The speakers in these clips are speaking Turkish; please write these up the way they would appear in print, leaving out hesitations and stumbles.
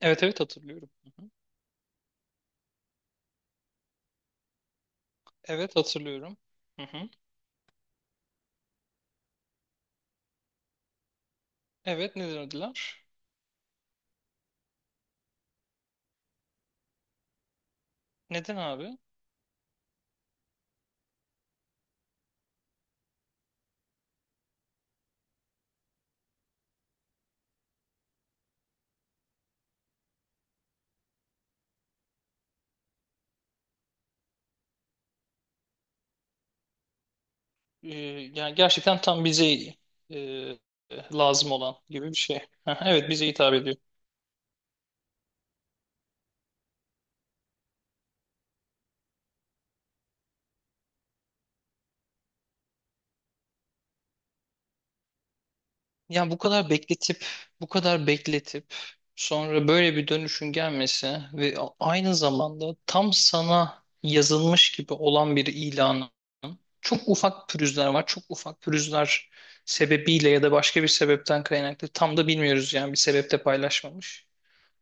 Evet evet hatırlıyorum. Hı hı. Evet hatırlıyorum. Hı hı. Evet neden ödüler? Neden abi? Ee, Yani gerçekten tam bize e, lazım olan gibi bir şey. Hı hı, evet bize hitap ediyor. Yani bu kadar bekletip bu kadar bekletip sonra böyle bir dönüşün gelmesi ve aynı zamanda tam sana yazılmış gibi olan bir ilanı. Çok ufak pürüzler var. Çok ufak pürüzler sebebiyle ya da başka bir sebepten kaynaklı tam da bilmiyoruz yani bir sebepte paylaşmamış.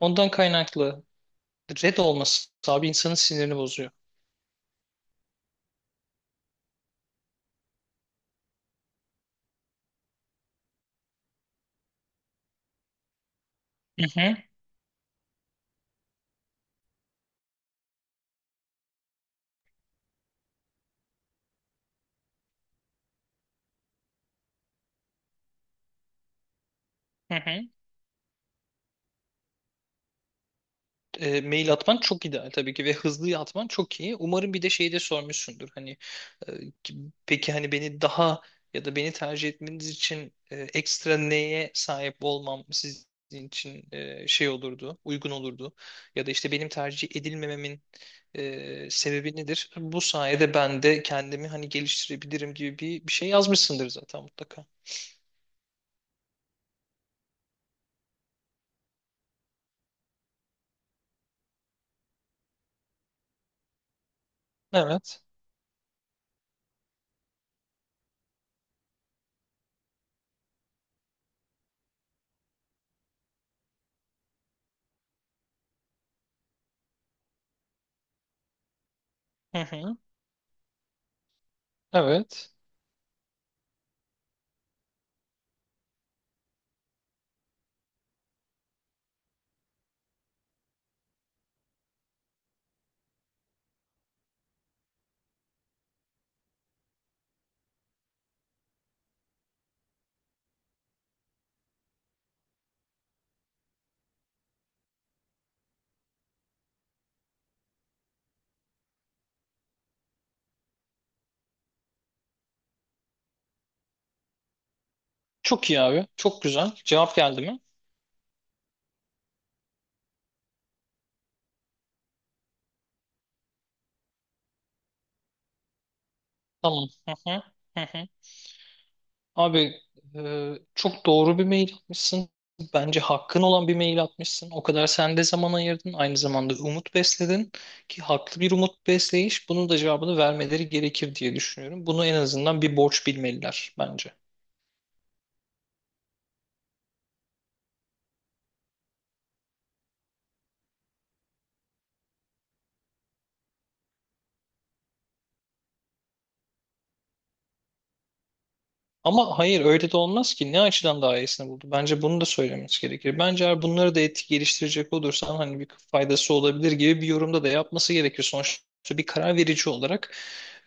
Ondan kaynaklı red olması abi insanın sinirini bozuyor. Hı hı, hı hı. Mail atman çok ideal tabii ki ve hızlı atman çok iyi. Umarım bir de şeyi de sormuşsundur. Hani e, ki- peki hani beni daha ya da beni tercih etmeniz için ekstra neye sahip olmam sizin için şey olurdu, uygun olurdu. Ya da işte benim tercih edilmememin sebebi nedir? Bu sayede ben de kendimi hani geliştirebilirim gibi bir şey yazmışsındır zaten mutlaka. Evet. Evet. Çok iyi abi. Çok güzel. Cevap geldi mi? Tamam. Hı hı. Hı hı. Abi çok doğru bir mail atmışsın. Bence hakkın olan bir mail atmışsın. O kadar sen de zaman ayırdın. Aynı zamanda umut besledin ki haklı bir umut besleyiş. Bunun da cevabını vermeleri gerekir diye düşünüyorum. Bunu en azından bir borç bilmeliler bence. Ama hayır öyle de olmaz ki. Ne açıdan daha iyisini buldu? Bence bunu da söylemesi gerekir. Bence eğer bunları da etik geliştirecek olursan hani bir faydası olabilir gibi bir yorumda da yapması gerekir. Sonuçta bir karar verici olarak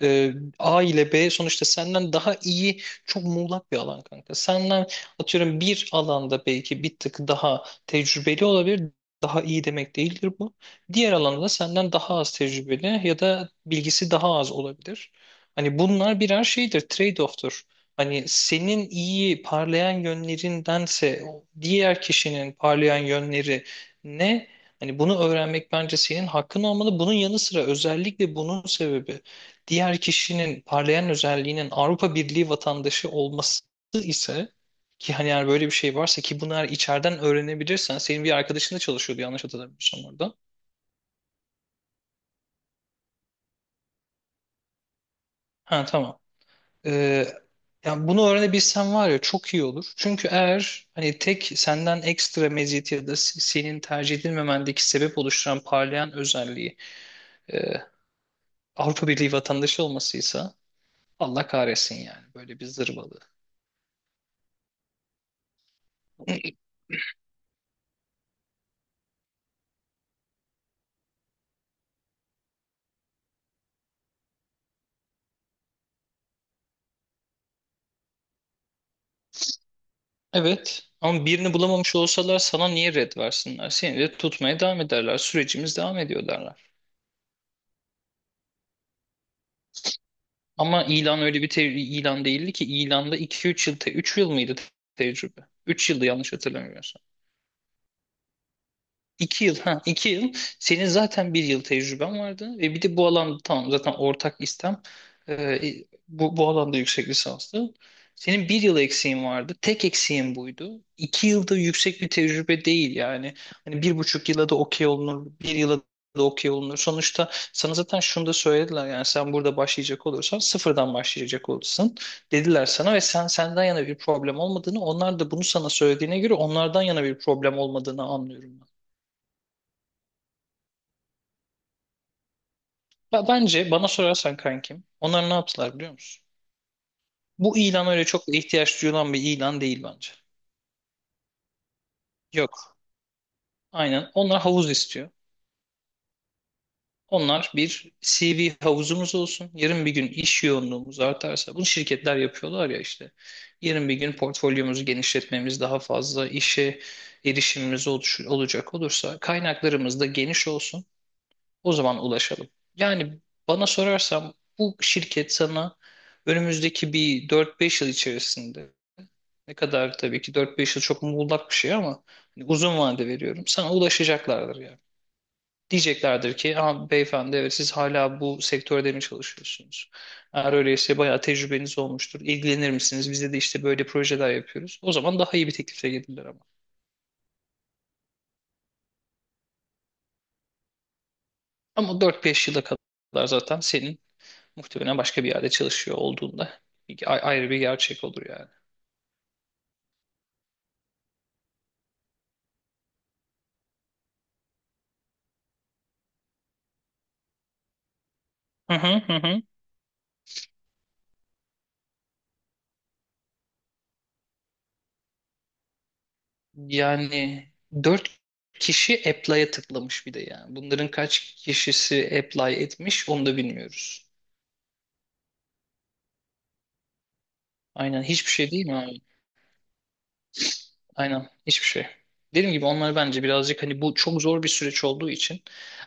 A ile B sonuçta senden daha iyi çok muğlak bir alan kanka. Senden atıyorum bir alanda belki bir tık daha tecrübeli olabilir. Daha iyi demek değildir bu. Diğer alanda da senden daha az tecrübeli ya da bilgisi daha az olabilir. Hani bunlar birer şeydir, trade-off'tur. Hani senin iyi parlayan yönlerindense o diğer kişinin parlayan yönleri ne? Hani bunu öğrenmek bence senin hakkın olmalı. Bunun yanı sıra özellikle bunun sebebi diğer kişinin parlayan özelliğinin Avrupa Birliği vatandaşı olması ise ki hani eğer böyle bir şey varsa ki bunu eğer içeriden öğrenebilirsen senin bir arkadaşın da çalışıyordu yanlış hatırlamıyorsam orada. Ha tamam. Ee, Yani bunu öğrenebilsen var ya çok iyi olur. Çünkü eğer hani tek senden ekstra meziyet ya da senin tercih edilmemendeki sebep oluşturan parlayan özelliği e, Avrupa Birliği vatandaşı olmasıysa Allah kahretsin yani böyle bir zırvalığı. Evet ama birini bulamamış olsalar sana niye red versinler? Seni de tutmaya devam ederler. Sürecimiz devam ediyor derler. Ama ilan öyle bir ilan değildi ki ilanda 2-3 yıl, 3 yıl mıydı tecrübe? 3 yıldı yanlış hatırlamıyorsam. 2 yıl, ha 2 yıl. Senin zaten bir yıl tecrüben vardı ve bir de bu alanda tamam zaten ortak istem bu alanda yüksek lisanslı. Senin bir yıl eksiğin vardı. Tek eksiğin buydu. 2 yılda yüksek bir tecrübe değil yani. Hani 1,5 yıla da okey olunur. Bir yıla da okey olunur. Sonuçta sana zaten şunu da söylediler yani sen burada başlayacak olursan sıfırdan başlayacak olursun dediler sana ve sen senden yana bir problem olmadığını onlar da bunu sana söylediğine göre onlardan yana bir problem olmadığını anlıyorum. Bence bana sorarsan kankim, onlar ne yaptılar biliyor musun? Bu ilan öyle çok da ihtiyaç duyulan bir ilan değil bence. Yok. Aynen. Onlar havuz istiyor. Onlar bir CV havuzumuz olsun. Yarın bir gün iş yoğunluğumuz artarsa, bunu şirketler yapıyorlar ya işte. Yarın bir gün portfolyomuzu genişletmemiz, daha fazla işe erişimimiz olacak olursa kaynaklarımız da geniş olsun. O zaman ulaşalım. Yani bana sorarsam bu şirket sana önümüzdeki bir 4-5 yıl içerisinde ne kadar tabii ki 4-5 yıl çok muğlak bir şey ama hani uzun vade veriyorum. Sana ulaşacaklardır yani. Diyeceklerdir ki ha, beyefendi evet siz hala bu sektörde mi çalışıyorsunuz? Eğer öyleyse bayağı tecrübeniz olmuştur. İlgilenir misiniz? Bizde de işte böyle projeler yapıyoruz. O zaman daha iyi bir teklifle gelirler ama. Ama 4-5 yıla kadar zaten senin muhtemelen başka bir yerde çalışıyor olduğunda ayrı bir gerçek olur yani. Hı hı hı. Hı. Yani dört kişi apply'a tıklamış bir de yani. Bunların kaç kişisi apply etmiş onu da bilmiyoruz. Aynen hiçbir şey değil mi abi? Aynen hiçbir şey. Dediğim gibi onlar bence birazcık hani bu çok zor bir süreç olduğu için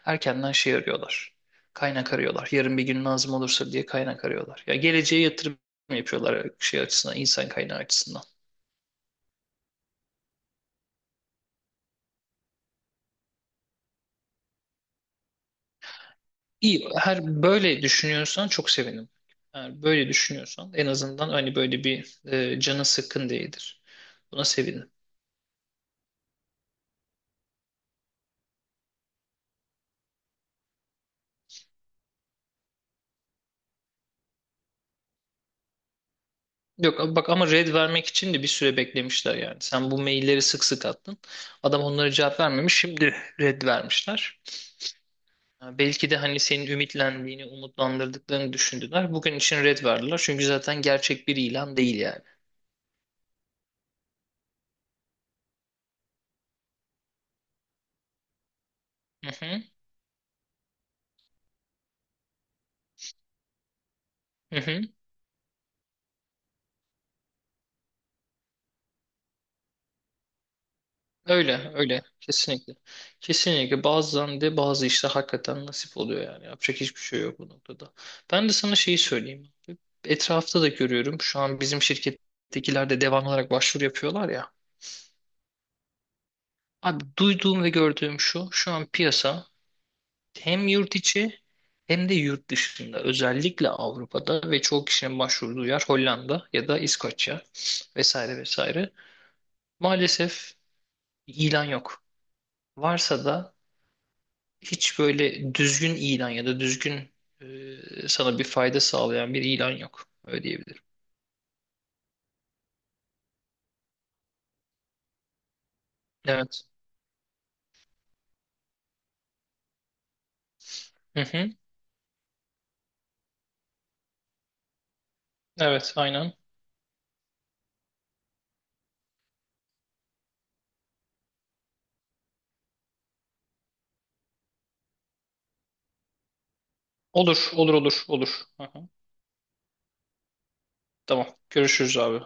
erkenden şey arıyorlar. Kaynak arıyorlar. Yarın bir gün lazım olursa diye kaynak arıyorlar. Ya geleceğe yatırım yapıyorlar şey açısından, insan kaynağı açısından. İyi, her böyle düşünüyorsan çok sevinirim. Eğer böyle düşünüyorsan en azından hani böyle bir canın sıkkın değildir. Buna sevinirim. Yok bak ama red vermek için de bir süre beklemişler yani. Sen bu mailleri sık sık attın. Adam onlara cevap vermemiş. Şimdi red vermişler. Ha, belki de hani senin ümitlendiğini, umutlandırdıklarını düşündüler. Bugün için red verdiler. Çünkü zaten gerçek bir ilan değil yani. Hı hı. Hı hı. Öyle, öyle. Kesinlikle. Kesinlikle. Bazen de bazı işler hakikaten nasip oluyor yani. Yapacak hiçbir şey yok bu noktada. Ben de sana şeyi söyleyeyim. Etrafta da görüyorum. Şu an bizim şirkettekiler de devamlı olarak başvuru yapıyorlar ya. Abi duyduğum ve gördüğüm şu. Şu an piyasa hem yurt içi hem de yurt dışında. Özellikle Avrupa'da ve çoğu kişinin başvurduğu yer Hollanda ya da İskoçya vesaire vesaire. Maalesef ilan yok. Varsa da hiç böyle düzgün ilan ya da düzgün sana bir fayda sağlayan bir ilan yok. Öyle diyebilirim. Evet. Hı hı. Evet, aynen. Olur, olur, olur, olur. Hı hı. Tamam. Görüşürüz abi.